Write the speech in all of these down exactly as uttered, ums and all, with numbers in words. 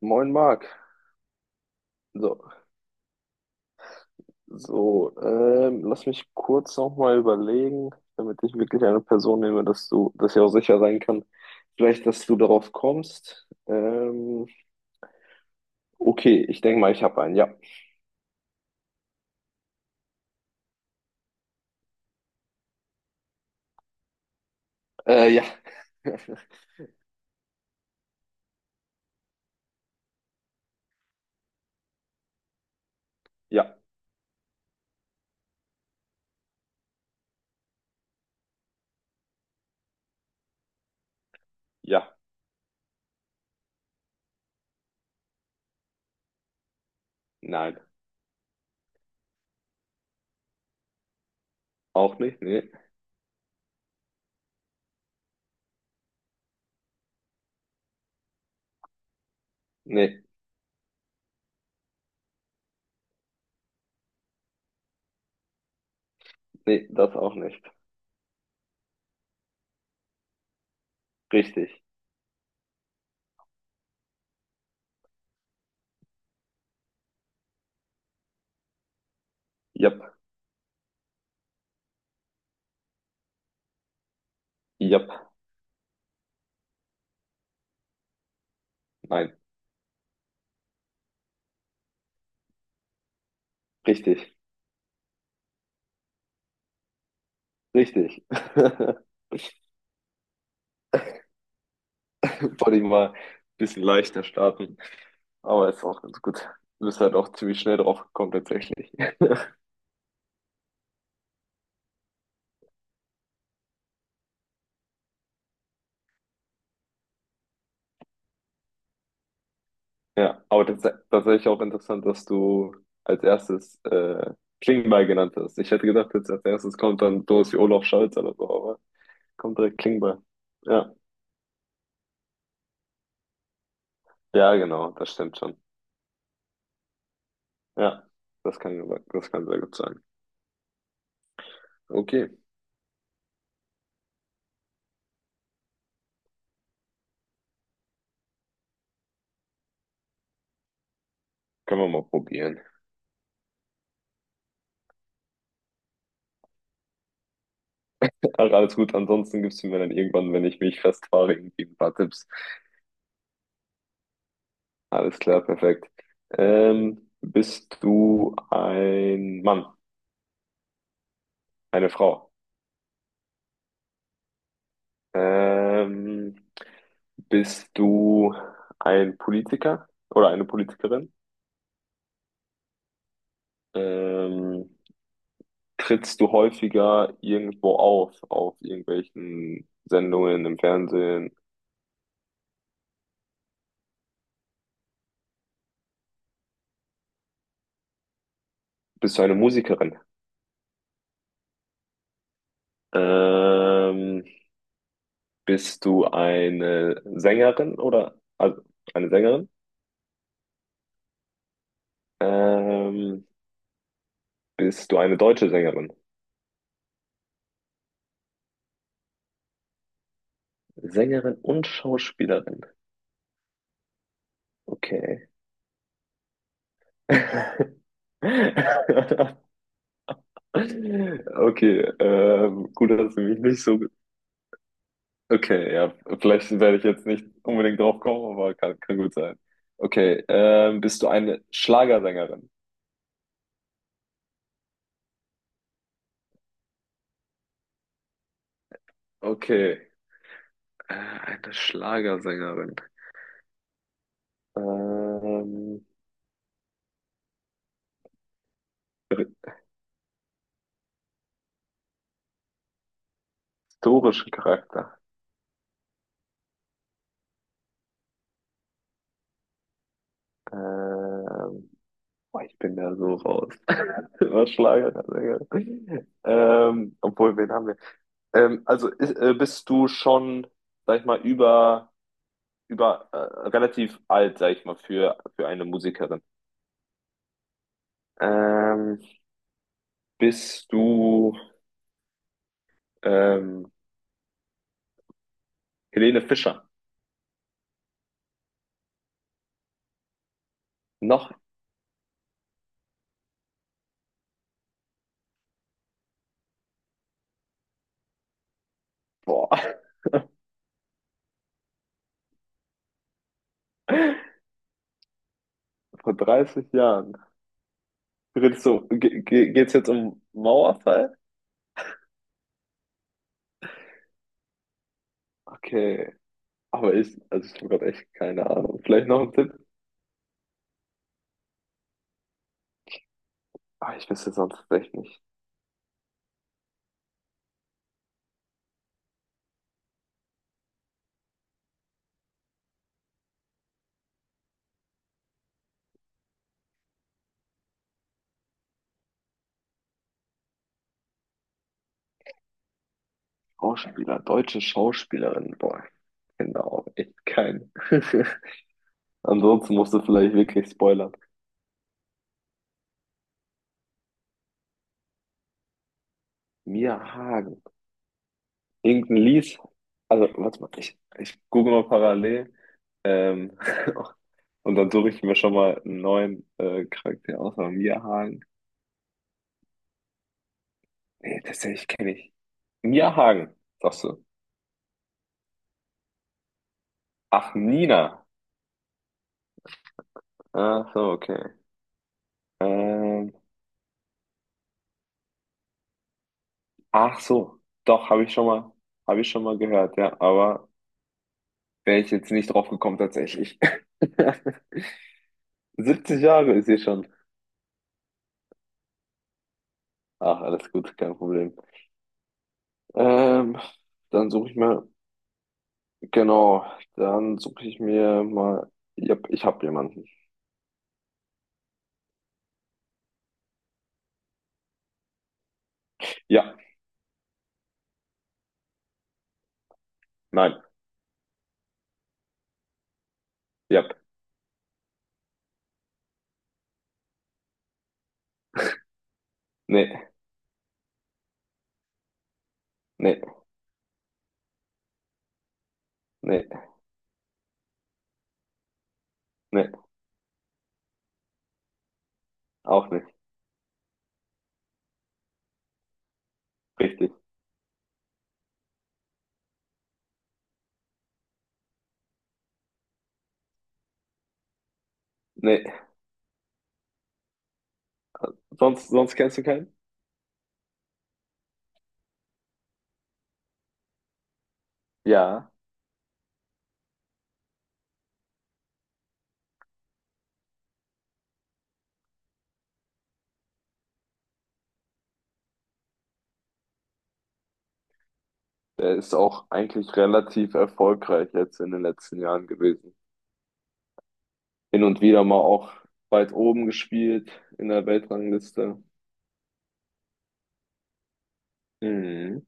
Moin Marc. So, so ähm, lass mich kurz nochmal überlegen, damit ich wirklich eine Person nehme, dass du, dass ich auch sicher sein kann, vielleicht, dass du darauf kommst. Ähm, okay, ich denke mal, ich habe einen. Ja. Äh, ja, ja, ja. Nein. Auch nicht? Nee. Nee, nee, das auch nicht. Richtig. Jap, jap. Nein. Richtig. Richtig. Wollte ich mal ein bisschen leichter starten, aber ist auch ganz gut. Du bist halt auch ziemlich schnell drauf gekommen, tatsächlich. Ja, aber das, das ist tatsächlich auch interessant, dass du als erstes äh, Klingbeil genannt hast. Ich hätte gedacht, jetzt als erstes kommt dann sowas wie Olaf Scholz oder so, aber kommt direkt Klingbeil. Ja, ja, genau, das stimmt schon. Ja, das kann, das kann sehr gut sein. Okay, können wir mal probieren. Ach, alles gut, ansonsten gibst du mir dann irgendwann, wenn ich mich festfahre, irgendwie ein paar Tipps. Alles klar, perfekt. Ähm, bist du ein Mann, eine Frau? Ähm, Bist du ein Politiker oder eine Politikerin? Ähm, Trittst du häufiger irgendwo auf auf irgendwelchen Sendungen im Fernsehen? Bist du eine Musikerin? Ähm, Bist du eine Sängerin oder also eine Sängerin? Ähm, Bist du eine deutsche Sängerin? Sängerin und Schauspielerin. Okay. Okay, ähm, gut, dass du mich nicht so. Okay, ja, vielleicht werde ich jetzt nicht unbedingt drauf kommen, aber kann, kann gut sein. Okay, ähm, bist du eine Schlagersängerin? Okay, äh, eine Schlagersängerin. Ähm, Historischen Charakter. Ähm, Boah, ich bin da so raus. Was Schlagersängerin? Ähm, obwohl, wen haben wir? Ähm, also ist, äh, bist du schon, sag ich mal, über, über äh, relativ alt, sag ich mal, für, für eine Musikerin? Ähm, Bist du ähm, Helene Fischer? Noch? Boah, vor dreißig Jahren. Du Redest du, ge ge geht's jetzt um Mauerfall? Okay, aber ich, also ich habe gerade echt keine Ahnung. Vielleicht noch ein Tipp? Ah, ich wüsste sonst echt nicht. Schauspieler, deutsche Schauspielerin. Boah, genau, echt kein. Ansonsten musst du vielleicht wirklich spoilern. Mia Hagen, irgendein Lies. Also, warte mal, ich, ich google mal parallel. Ähm, Und dann suche ich mir schon mal einen neuen äh, Charakter aus. Aber Mia Hagen. Nee, tatsächlich kenne ich. Mia Hagen, sagst du. Ach, Nina. Ach so, okay. Ähm, ach so, doch, habe ich schon mal, habe ich schon mal gehört, ja. Aber wäre ich jetzt nicht drauf gekommen, tatsächlich. siebzig Jahre ist sie schon. Ach, alles gut, kein Problem. Ähm, Dann suche ich mir, genau, dann suche ich mir mal. Ja, ich habe jemanden. Ja, nein, ja, nee, nee, nee. Nee, auch nicht. Richtig. Nee. Sonst, sonst kennst du keinen? Ja, der ist auch eigentlich relativ erfolgreich jetzt in den letzten Jahren gewesen. Hin und wieder mal auch weit oben gespielt in der Weltrangliste. Mhm.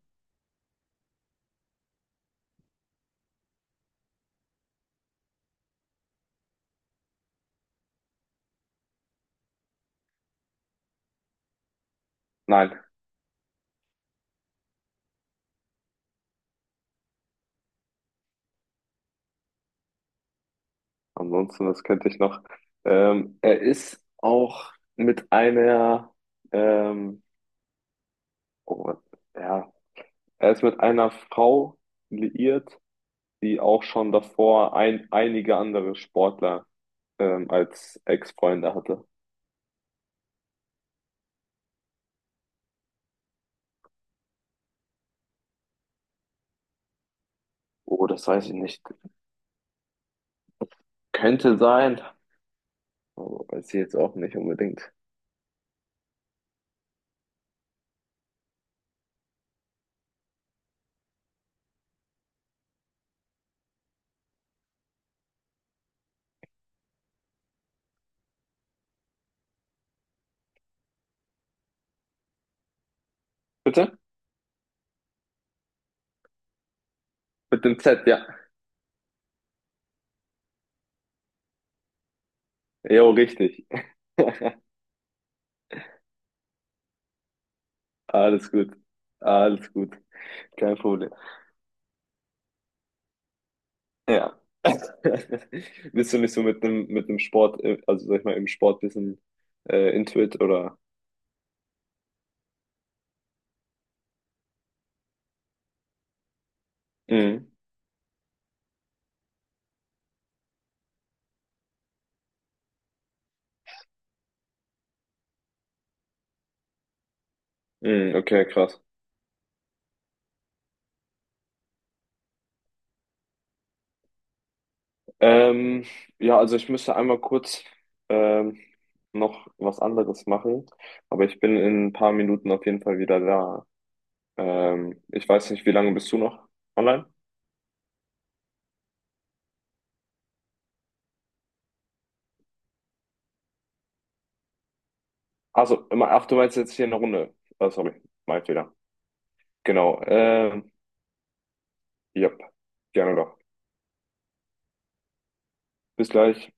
Nein, ansonsten, das könnte ich noch. Ähm, er ist auch mit einer, ähm, oh, ja, er ist mit einer Frau liiert, die auch schon davor ein, einige andere Sportler ähm, als Ex-Freunde hatte. Oh, das weiß ich nicht. Könnte sein. Aber weiß ich jetzt auch nicht unbedingt. Bitte? Mit dem Z, ja. Jo, richtig. Alles gut. Alles gut. Kein Problem. Ja. Bist du nicht so mit dem, mit dem Sport, äh, also sag ich mal, im Sport bisschen äh, intuit oder? Mhm. Mhm, okay, krass. Ähm, ja, also ich müsste einmal kurz ähm, noch was anderes machen, aber ich bin in ein paar Minuten auf jeden Fall wieder da. Ähm, ich weiß nicht, wie lange bist du noch online? Also, immer, ach, du meinst jetzt hier eine Runde. Ah, sorry, mein Fehler. Genau. Ähm, yep, gerne doch. Bis gleich.